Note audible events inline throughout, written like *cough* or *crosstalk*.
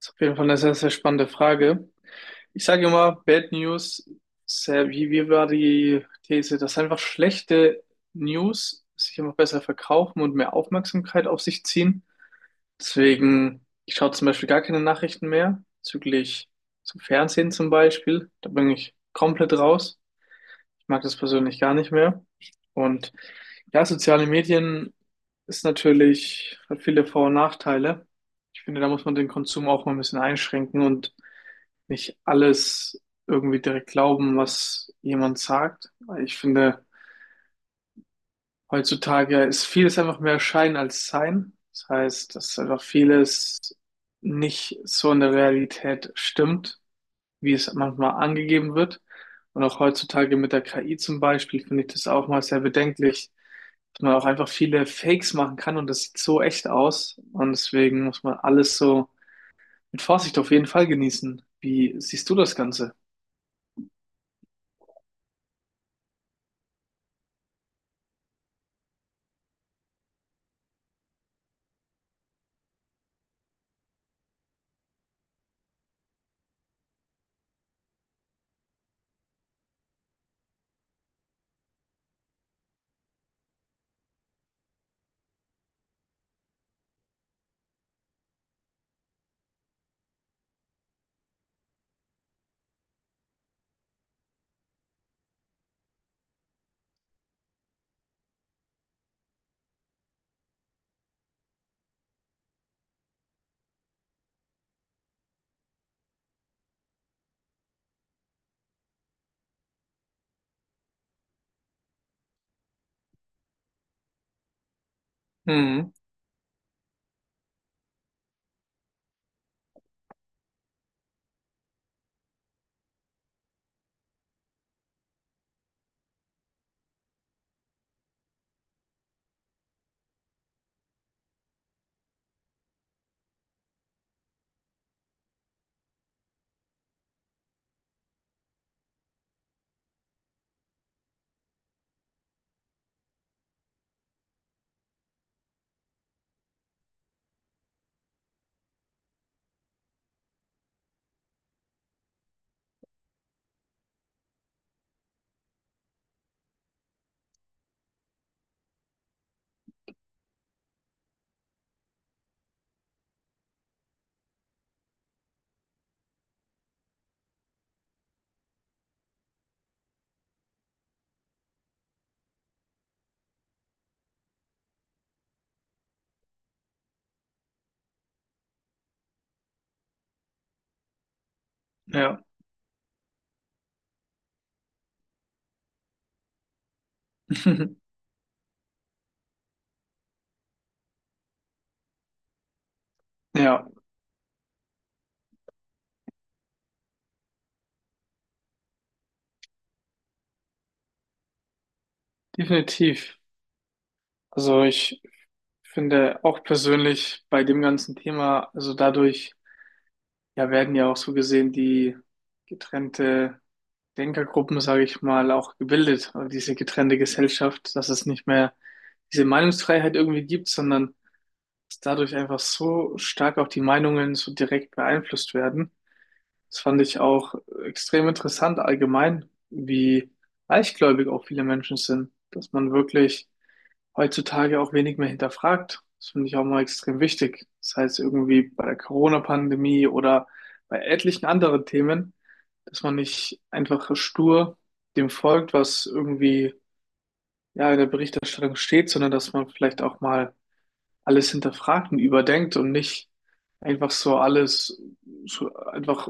Ist auf jeden Fall eine sehr, sehr spannende Frage. Ich sage immer, Bad News, sehr, wie war die These, dass einfach schlechte News sich immer besser verkaufen und mehr Aufmerksamkeit auf sich ziehen. Deswegen, ich schaue zum Beispiel gar keine Nachrichten mehr, bezüglich zum Fernsehen zum Beispiel. Da bin ich komplett raus. Ich mag das persönlich gar nicht mehr. Und ja, soziale Medien ist natürlich, hat viele Vor- und Nachteile. Ich finde, da muss man den Konsum auch mal ein bisschen einschränken und nicht alles irgendwie direkt glauben, was jemand sagt. Weil ich finde, heutzutage ist vieles einfach mehr Schein als Sein. Das heißt, dass einfach vieles nicht so in der Realität stimmt, wie es manchmal angegeben wird. Und auch heutzutage mit der KI zum Beispiel finde ich das auch mal sehr bedenklich, dass man auch einfach viele Fakes machen kann und das sieht so echt aus. Und deswegen muss man alles so mit Vorsicht auf jeden Fall genießen. Wie siehst du das Ganze? Mhm. Ja. *laughs* Ja, definitiv. Also ich finde auch persönlich bei dem ganzen Thema, also dadurch ja werden ja auch so gesehen die getrennte Denkergruppen, sage ich mal, auch gebildet, also diese getrennte Gesellschaft, dass es nicht mehr diese Meinungsfreiheit irgendwie gibt, sondern dass dadurch einfach so stark auch die Meinungen so direkt beeinflusst werden. Das fand ich auch extrem interessant allgemein, wie leichtgläubig auch viele Menschen sind, dass man wirklich heutzutage auch wenig mehr hinterfragt. Das finde ich auch mal extrem wichtig. Das heißt irgendwie bei der Corona-Pandemie oder bei etlichen anderen Themen, dass man nicht einfach stur dem folgt, was irgendwie ja in der Berichterstattung steht, sondern dass man vielleicht auch mal alles hinterfragt und überdenkt und nicht einfach so alles so einfach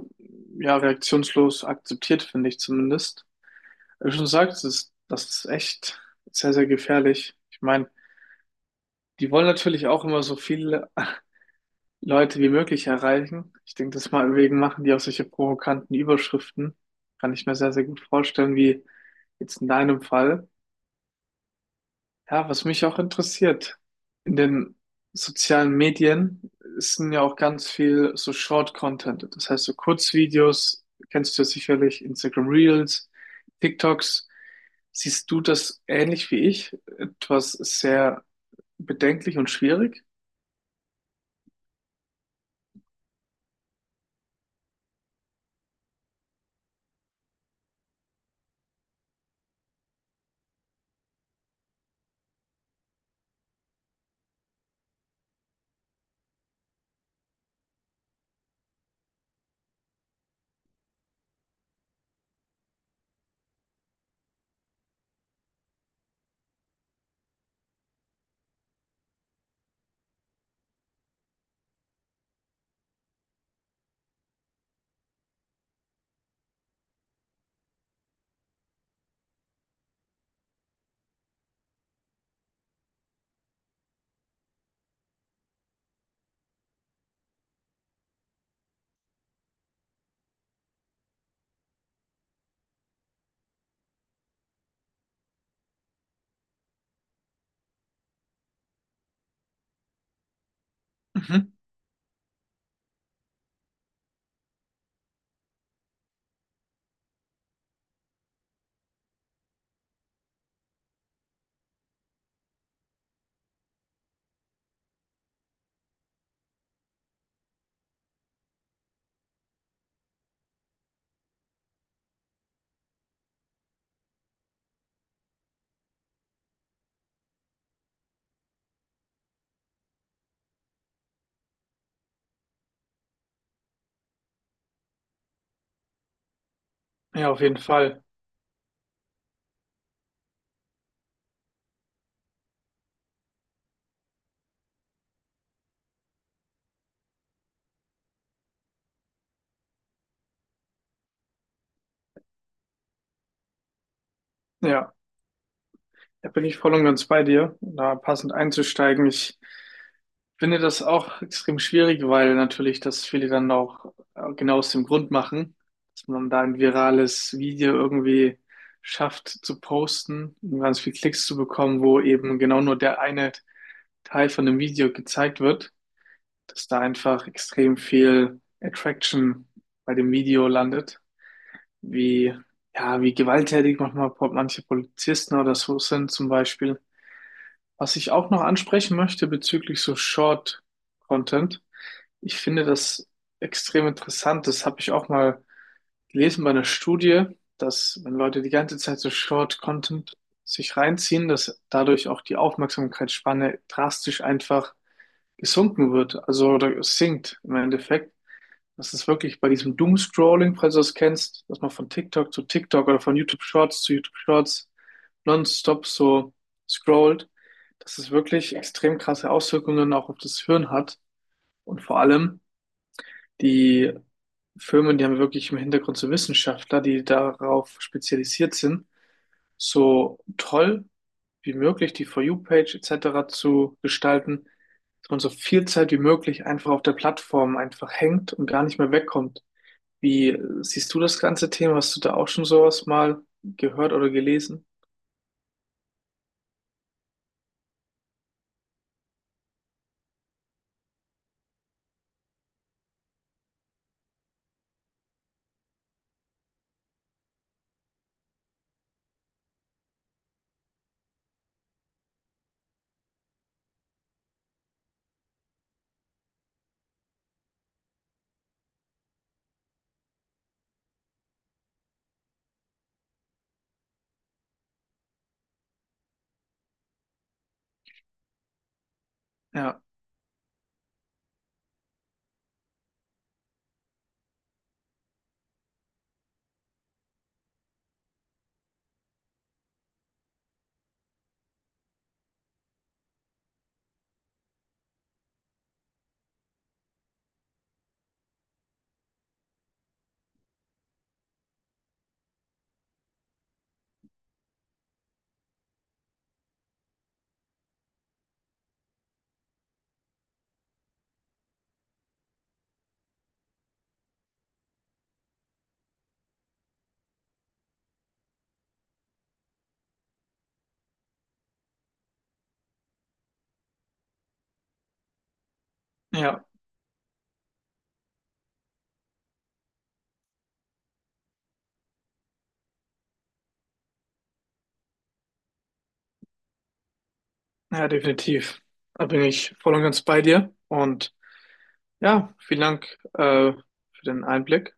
ja reaktionslos akzeptiert, finde ich zumindest. Wie du schon sagst, das ist echt sehr, sehr gefährlich. Ich meine, die wollen natürlich auch immer so viele *laughs* Leute wie möglich erreichen. Ich denke, das mal wegen machen die auch solche provokanten Überschriften. Kann ich mir sehr, sehr gut vorstellen, wie jetzt in deinem Fall. Ja, was mich auch interessiert, in den sozialen Medien sind ja auch ganz viel so Short-Content. Das heißt, so Kurzvideos, kennst du ja sicherlich, Instagram Reels, TikToks. Siehst du das ähnlich wie ich? Etwas sehr bedenklich und schwierig? Mhm. Ja, auf jeden Fall. Ja, da bin ich voll und ganz bei dir, um da passend einzusteigen. Ich finde das auch extrem schwierig, weil natürlich das viele dann auch genau aus dem Grund machen, dass man da ein virales Video irgendwie schafft zu posten und ganz viel Klicks zu bekommen, wo eben genau nur der eine Teil von dem Video gezeigt wird, dass da einfach extrem viel Attraction bei dem Video landet, wie ja, wie gewalttätig manchmal manche Polizisten oder so sind zum Beispiel. Was ich auch noch ansprechen möchte bezüglich so Short Content, ich finde das extrem interessant. Das habe ich auch mal gelesen bei einer Studie, dass wenn Leute die ganze Zeit so Short Content sich reinziehen, dass dadurch auch die Aufmerksamkeitsspanne drastisch einfach gesunken wird, also oder sinkt im Endeffekt. Das ist wirklich bei diesem Doomscrolling, falls du das kennst, dass man von TikTok zu TikTok oder von YouTube Shorts zu YouTube Shorts nonstop so scrollt, dass es wirklich extrem krasse Auswirkungen auch auf das Hirn hat. Und vor allem die Firmen, die haben wirklich im Hintergrund so Wissenschaftler, die darauf spezialisiert sind, so toll wie möglich die For You-Page etc. zu gestalten, dass man so viel Zeit wie möglich einfach auf der Plattform einfach hängt und gar nicht mehr wegkommt. Wie siehst du das ganze Thema? Hast du da auch schon sowas mal gehört oder gelesen? Ja, ja, ja, definitiv. Da bin ich voll und ganz bei dir. Und ja, vielen Dank für den Einblick.